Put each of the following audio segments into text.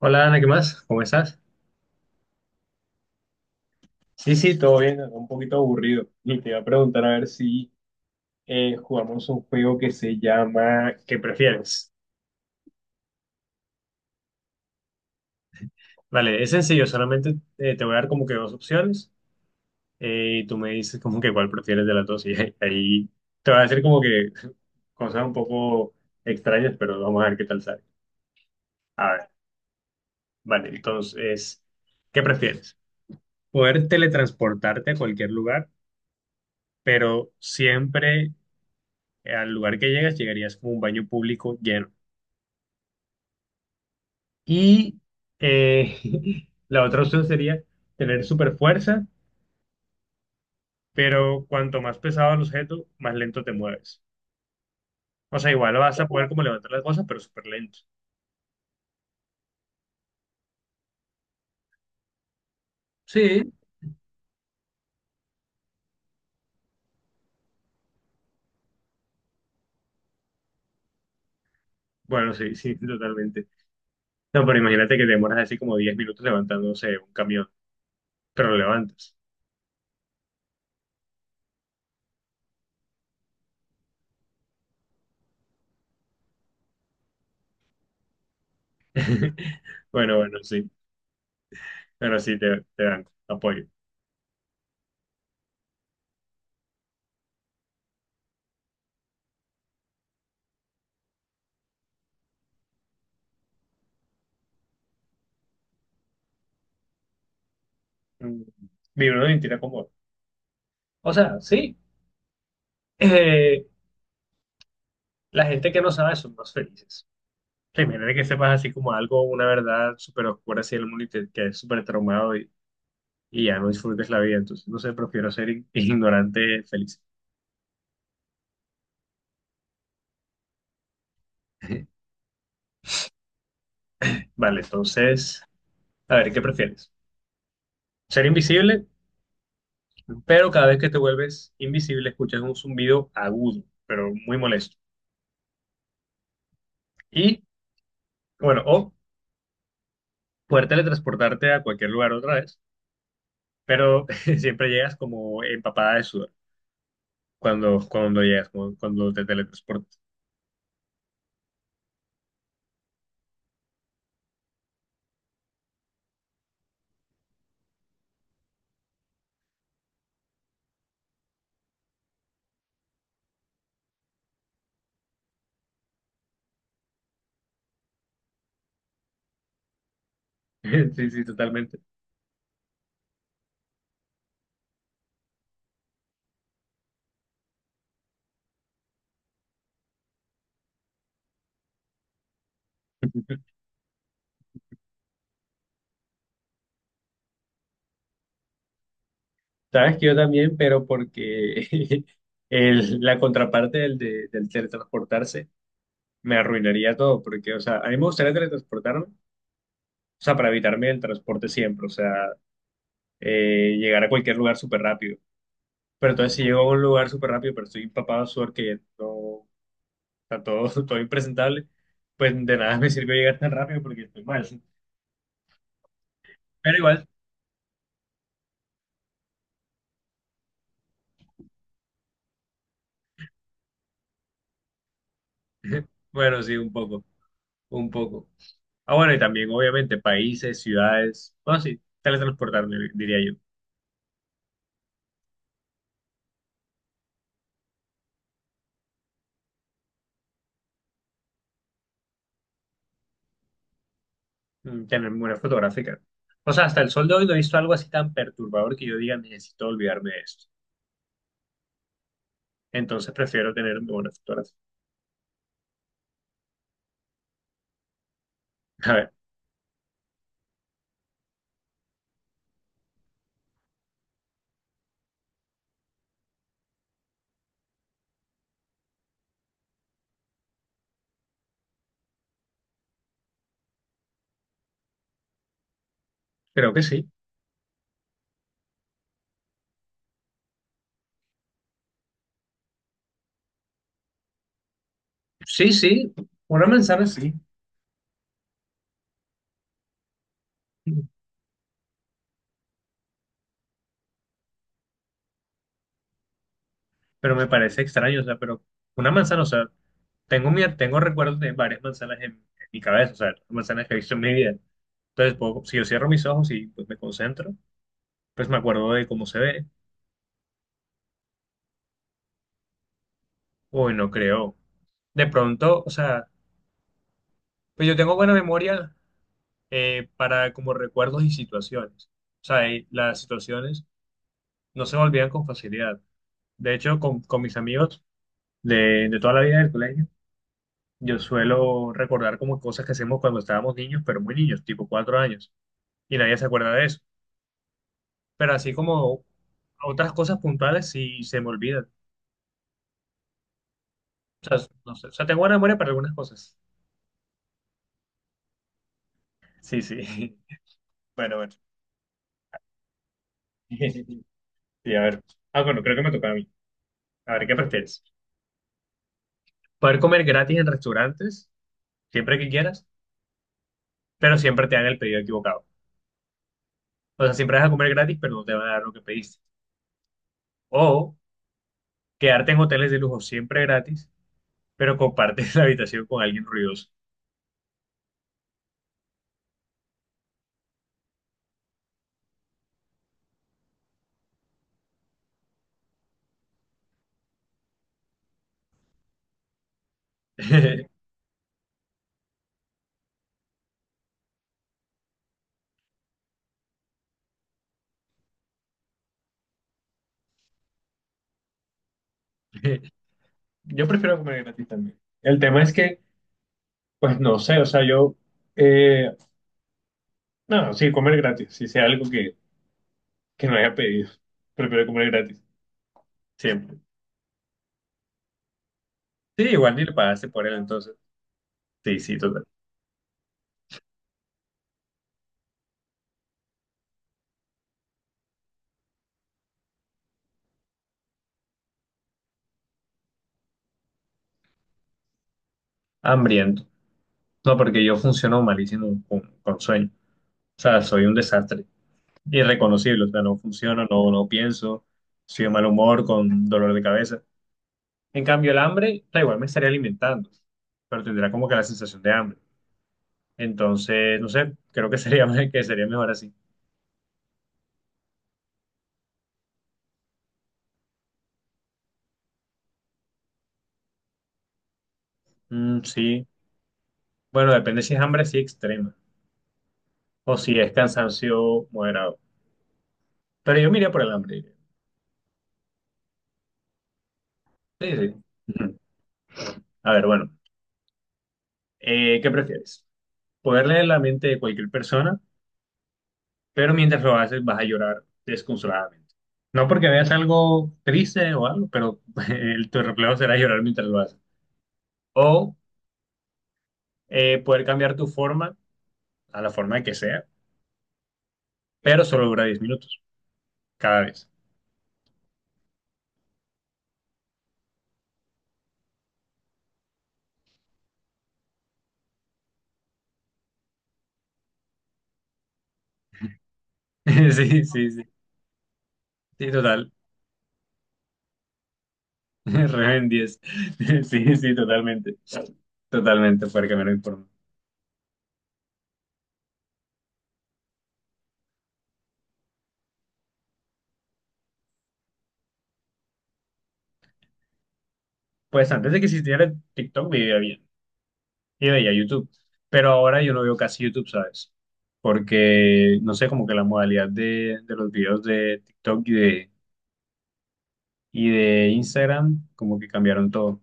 Hola Ana, ¿qué más? ¿Cómo estás? Sí, sí, todo bien, un poquito aburrido. Y te iba a preguntar a ver si jugamos un juego que se llama ¿Qué prefieres? Vale, es sencillo, solamente te voy a dar como que dos opciones y tú me dices como que cuál prefieres de las dos y ahí te voy a decir como que cosas un poco extrañas, pero vamos a ver qué tal sale. A ver, vale, entonces, ¿qué prefieres? ¿Poder teletransportarte a cualquier lugar, pero siempre al lugar que llegas, llegarías como un baño público lleno? Y eh, la otra opción sería tener super fuerza, pero cuanto más pesado el objeto, más lento te mueves. O sea, igual vas a poder como levantar las cosas, pero súper lento. Sí. Bueno, sí, sí, totalmente. No, pero imagínate que te demoras así como 10 minutos levantando no sé un camión, pero lo levantas. Bueno, bueno, sí. Bueno, sí, te dan apoyo. Mm. Vivir una mentira cómoda. O sea, sí. Eh, La gente que no sabe son más felices. Sí, imagínate que sepas así como algo, una verdad súper oscura así del mundo y te quedes súper traumado y ya no disfrutes la vida. Entonces, no sé, prefiero ser ignorante feliz. Vale, entonces, a ver, ¿qué prefieres? Ser invisible, pero cada vez que te vuelves invisible escuchas un zumbido agudo, pero muy molesto. Y, bueno, o poder teletransportarte a cualquier lugar otra vez, pero siempre llegas como empapada de sudor cuando, llegas, como cuando te teletransportas. Sí, sí, totalmente. Sabes que yo también, pero porque la contraparte del teletransportarse me arruinaría todo, porque, o sea, a mí me gustaría teletransportarme, o sea, para evitarme el transporte siempre, o sea, llegar a cualquier lugar súper rápido. Pero entonces si llego a un lugar súper rápido, pero estoy empapado de sudor que no está todo, todo impresentable, pues de nada me sirve llegar tan rápido porque estoy mal. Pero igual, bueno, sí, un poco, un poco. Ah, bueno, y también, obviamente, países, ciudades. Bueno, sí, teletransportar, diría yo. Mm. Tener memoria fotográfica. O sea, hasta el sol de hoy no he visto algo así tan perturbador que yo diga, necesito olvidarme de esto. Entonces prefiero tener memoria fotográfica. A ver, creo que sí. Sí, sí, una manzana sí. Pero me parece extraño, o sea, pero una manzana, o sea, tengo, mi, tengo recuerdos de varias manzanas en mi cabeza, o sea, manzanas que he visto en mi vida. Entonces, puedo- si yo cierro mis ojos y pues, me concentro, pues me acuerdo de cómo se ve. Uy, no creo. De pronto, o sea, pues yo tengo buena memoria para como recuerdos y situaciones. O sea, y las situaciones no se me olvidan con facilidad. De hecho, con, mis amigos de toda la vida del colegio, yo suelo recordar como cosas que hacemos cuando estábamos niños, pero muy niños, tipo 4 años, y nadie se acuerda de eso. Pero así como otras cosas puntuales sí se me olvidan. O sea, no sé, o sea, tengo buena memoria para algunas cosas. Sí, sí. Bueno, bueno. Sí, a ver. Ah, bueno, creo que me toca a mí. A ver, ¿qué prefieres? ¿Poder comer gratis en restaurantes, siempre que quieras, pero siempre te dan el pedido equivocado? O sea, siempre vas a comer gratis, pero no te van a dar lo que pediste. O quedarte en hoteles de lujo siempre gratis, pero compartes la habitación con alguien ruidoso. Yo prefiero comer gratis también. El tema es que, pues no sé, o sea, yo, eh, no, sí, comer gratis, si sea algo que no haya pedido, prefiero comer gratis, siempre. Sí, igual ni le pagaste por él, entonces. Sí, sí, total. Hambriento. No, porque yo funciono malísimo con sueño. O sea, soy un desastre. Irreconocible. O sea, no funciono, no, no pienso. Soy de mal humor, con dolor de cabeza. En cambio, el hambre, da igual, me estaría alimentando. Pero tendrá como que la sensación de hambre. Entonces, no sé, creo que sería, que sería mejor así. Mm, sí. Bueno, depende si es hambre así extrema. O si es cansancio moderado. Pero yo me iría por el hambre. Sí, sí. Ujú. A ver, bueno. ¿Qué prefieres? ¿Poder leer la mente de cualquier persona, pero mientras lo haces vas a llorar desconsoladamente? No porque veas algo triste o algo, pero tu reflejo será llorar mientras lo haces. O poder cambiar tu forma a la forma que sea, pero solo dura 10 minutos cada vez. Sí, sí, sí, sí, total. Re en 10. Sí, sí, totalmente. Totalmente, poder cambiar mi forma. Pues antes de que existiera TikTok, vivía bien. Y veía YouTube. Pero ahora yo no veo casi YouTube, ¿sabes? Porque, no sé, como que la modalidad de los videos de TikTok y de Instagram, como que cambiaron todo.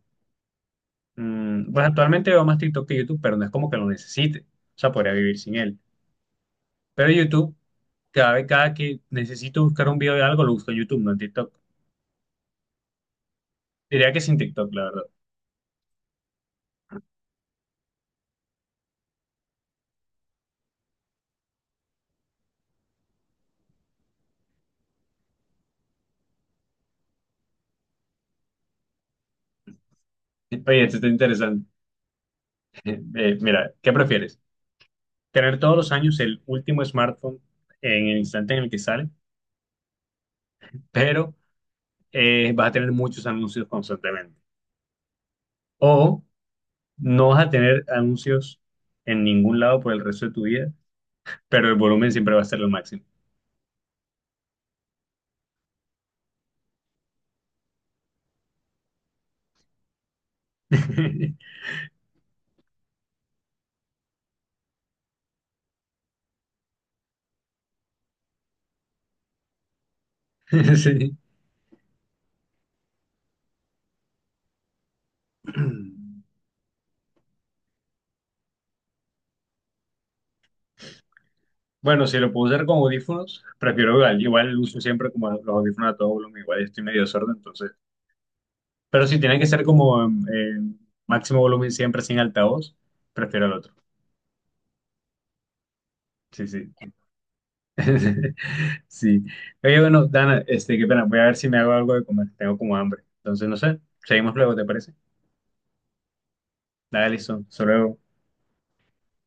Mm, pues actualmente veo más TikTok que YouTube, pero no es como que lo necesite. O sea, podría vivir sin él. Pero YouTube, cada vez, cada que necesito buscar un video de algo, lo busco en YouTube, no en TikTok. Diría que sin TikTok, la verdad. Oye, esto está interesante. Mira, ¿qué prefieres? ¿Tener todos los años el último smartphone en el instante en el que sale, pero vas a tener muchos anuncios constantemente? O no vas a tener anuncios en ningún lado por el resto de tu vida, pero el volumen siempre va a ser lo máximo. Sí. Bueno, si lo puedo usar con audífonos, prefiero igual. Igual uso siempre como los audífonos a todo volumen, igual estoy medio sordo, entonces. Pero si tiene que ser como en máximo volumen siempre sin altavoz, prefiero el otro. Sí, sí. Sí. Oye, bueno, Dana, este, qué pena. Voy a ver si me hago algo de comer. Tengo como hambre. Entonces, no sé. Seguimos luego, ¿te parece? Dale, listo. Hasta luego.